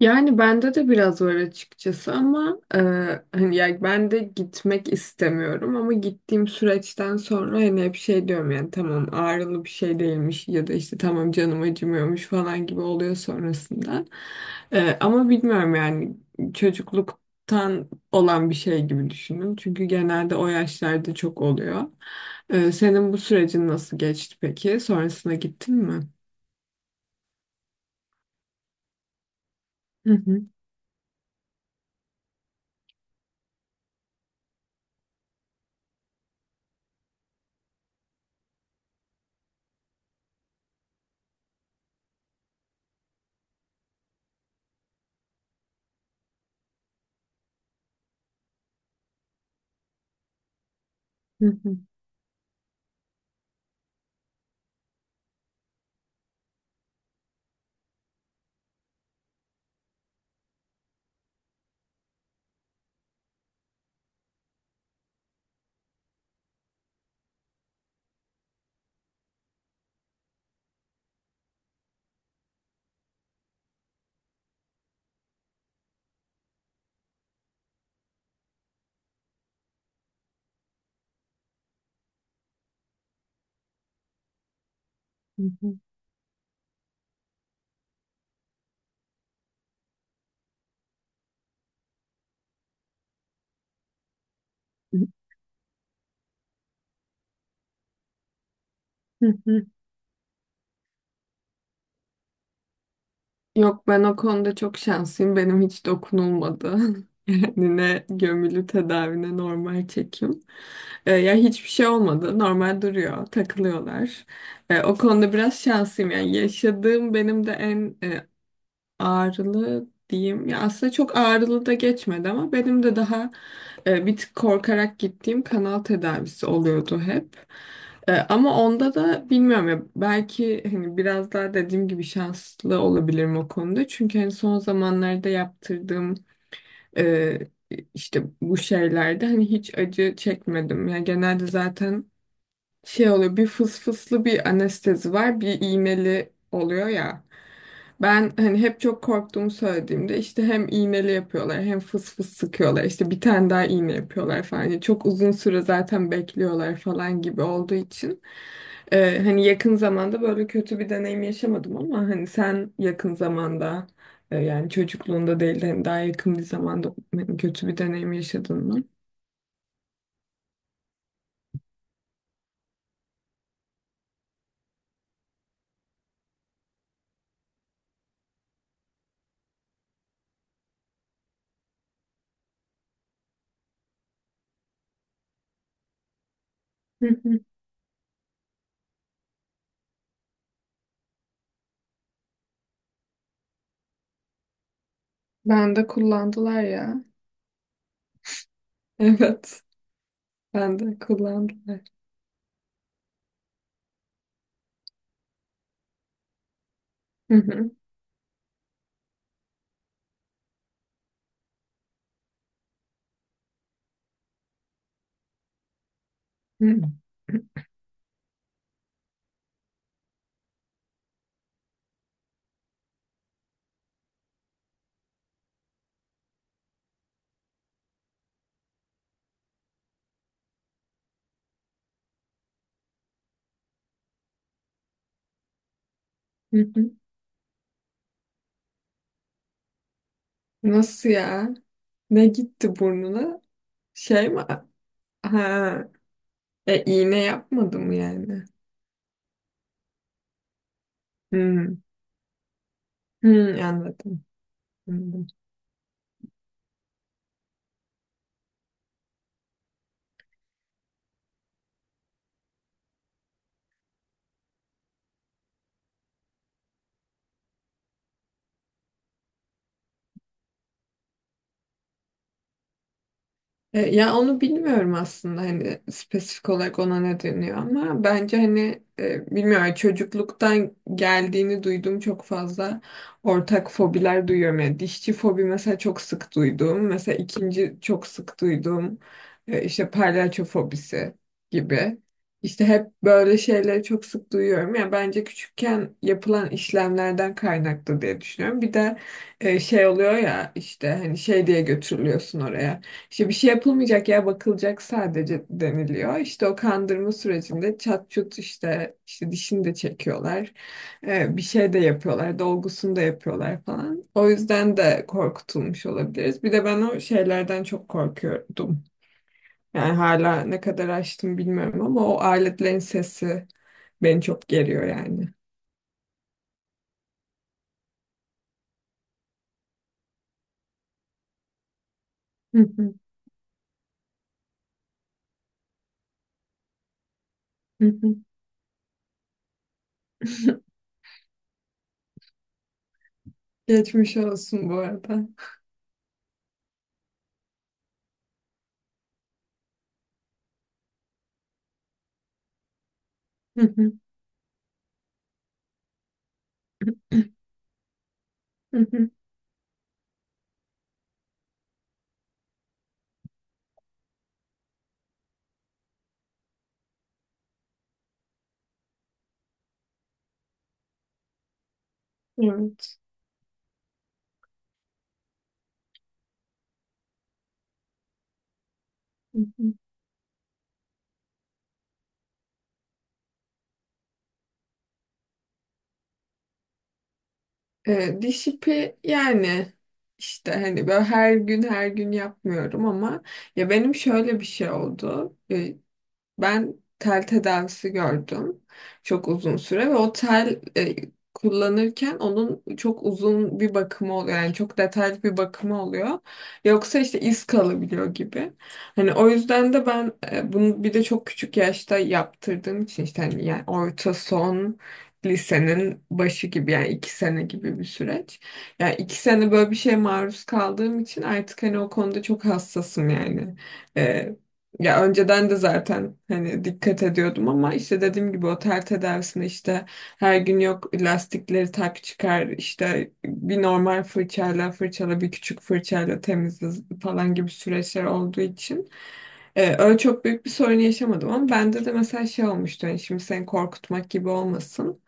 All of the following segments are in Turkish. Yani bende de biraz var açıkçası ama hani yani ben de gitmek istemiyorum ama gittiğim süreçten sonra hani hep şey diyorum yani tamam ağrılı bir şey değilmiş ya da işte tamam canım acımıyormuş falan gibi oluyor sonrasında. Ama bilmiyorum yani çocukluktan olan bir şey gibi düşünün çünkü genelde o yaşlarda çok oluyor. Senin bu sürecin nasıl geçti peki? Sonrasına gittin mi? Hı hı, hı hı, hı hı, hı hı. Yok, ben o konuda çok şanslıyım. Benim hiç dokunulmadı. Yani ne gömülü tedavi ne normal çekim. Ya hiçbir şey olmadı. Normal duruyor. Takılıyorlar. O konuda biraz şanslıyım. Yani yaşadığım benim de en ağrılı diyeyim. Ya aslında çok ağrılı da geçmedi ama benim de daha bir tık korkarak gittiğim kanal tedavisi oluyordu hep. Ama onda da bilmiyorum ya, belki hani biraz daha dediğim gibi şanslı olabilirim o konuda. Çünkü hani son zamanlarda yaptırdığım e, işte bu şeylerde hani hiç acı çekmedim. Yani genelde zaten şey oluyor, bir fıs fıslı bir anestezi var, bir iğneli oluyor ya. Ben hani hep çok korktuğumu söylediğimde işte hem iğneli yapıyorlar hem fıs fıs sıkıyorlar, işte bir tane daha iğne yapıyorlar falan. Yani çok uzun süre zaten bekliyorlar falan gibi olduğu için. Hani yakın zamanda böyle kötü bir deneyim yaşamadım ama hani sen yakın zamanda yani çocukluğunda değil de hani daha yakın bir zamanda hani kötü bir deneyim yaşadın mı? Hı hı. Ben de kullandılar ya. Evet, ben de kullandılar. Hı hı. Hı hı. Nasıl ya? Ne gitti burnuna? Şey mi? Ha. İğne yapmadı mı yani? Hmm. Hmm, anladım. Anladım. Ya onu bilmiyorum aslında hani spesifik olarak ona ne deniyor, ama bence hani bilmiyorum, çocukluktan geldiğini duyduğum çok fazla ortak fobiler duyuyorum. Yani dişçi fobi mesela çok sık duyduğum, mesela ikinci çok sık duyduğum işte palyaço fobisi gibi. İşte hep böyle şeyleri çok sık duyuyorum. Yani bence küçükken yapılan işlemlerden kaynaklı diye düşünüyorum. Bir de şey oluyor ya, işte hani şey diye götürülüyorsun oraya. İşte bir şey yapılmayacak ya, bakılacak sadece deniliyor. İşte o kandırma sürecinde çat çut işte işte dişini de çekiyorlar. Bir şey de yapıyorlar. Dolgusunu da yapıyorlar falan. O yüzden de korkutulmuş olabiliriz. Bir de ben o şeylerden çok korkuyordum. Yani hala ne kadar açtım bilmiyorum, ama o aletlerin sesi beni çok geriyor yani. Geçmiş olsun bu arada. Hı hı, hı hı. Evet. Hı hı. Diş ipi yani işte hani böyle her gün her gün yapmıyorum ama ya benim şöyle bir şey oldu. Ben tel tedavisi gördüm çok uzun süre ve o tel kullanırken onun çok uzun bir bakımı oluyor. Yani çok detaylı bir bakımı oluyor. Yoksa işte iz kalabiliyor gibi. Hani o yüzden de ben bunu bir de çok küçük yaşta yaptırdığım için, işte hani yani orta son lisenin başı gibi, yani iki sene gibi bir süreç. Yani iki sene böyle bir şeye maruz kaldığım için artık hani o konuda çok hassasım yani. E, Ya önceden de zaten hani dikkat ediyordum ama işte dediğim gibi o ter tedavisine işte her gün, yok lastikleri tak çıkar, işte bir normal fırçayla fırçala, bir küçük fırçayla temizle falan gibi süreçler olduğu için öyle çok büyük bir sorun yaşamadım, ama bende de mesela şey olmuştu, hani şimdi seni korkutmak gibi olmasın.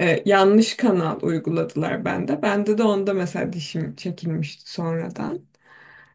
Yanlış kanal uyguladılar bende de onda, mesela dişim çekilmişti sonradan.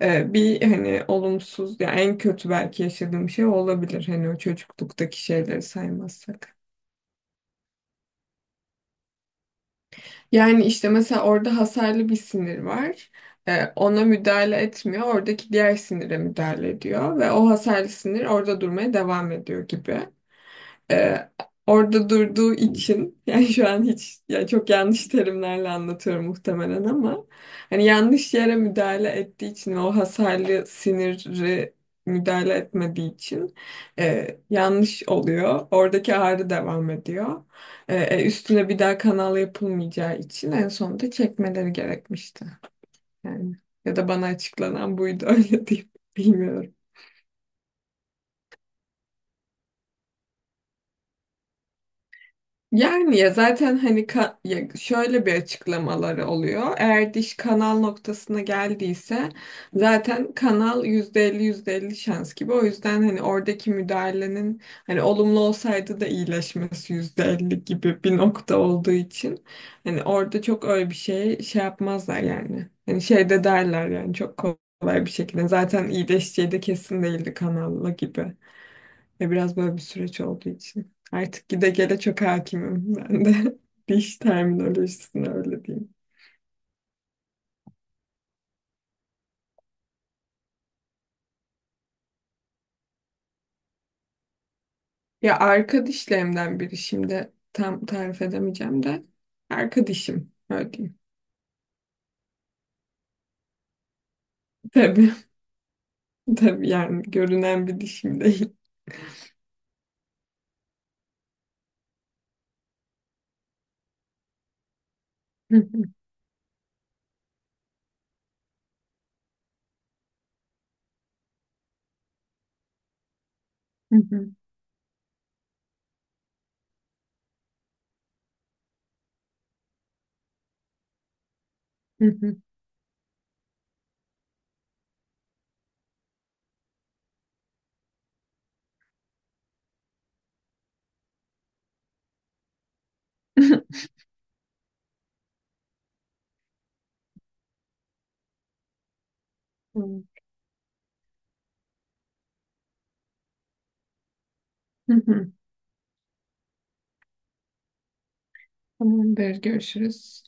Bir hani olumsuz, ya en kötü belki yaşadığım şey o olabilir, hani o çocukluktaki şeyleri saymazsak. Yani işte mesela orada hasarlı bir sinir var. Ona müdahale etmiyor. Oradaki diğer sinire müdahale ediyor ve o hasarlı sinir orada durmaya devam ediyor gibi. e, Orada durduğu için yani şu an hiç, ya çok yanlış terimlerle anlatıyorum muhtemelen, ama hani yanlış yere müdahale ettiği için ve o hasarlı siniri müdahale etmediği için yanlış oluyor. Oradaki ağrı devam ediyor. Üstüne bir daha kanal yapılmayacağı için en sonunda çekmeleri gerekmişti. Yani ya da bana açıklanan buydu, öyle diyeyim. Bilmiyorum. Yani ya zaten hani ya şöyle bir açıklamaları oluyor. Eğer diş kanal noktasına geldiyse zaten kanal %50 yüzde elli şans gibi. O yüzden hani oradaki müdahalenin hani olumlu olsaydı da iyileşmesi %50 gibi bir nokta olduğu için hani orada çok öyle bir şey yapmazlar yani. Hani şey de derler yani çok kolay bir şekilde. Zaten iyileşeceği de kesin değildi kanalla gibi. Ve biraz böyle bir süreç olduğu için. Artık gide gele çok hakimim ben de. Diş terminolojisine öyle diyeyim. Ya arka dişlerimden biri, şimdi tam tarif edemeyeceğim de. Arka dişim öyle diyeyim. Tabii tabii yani görünen bir dişim değil. Tamamdır, görüşürüz.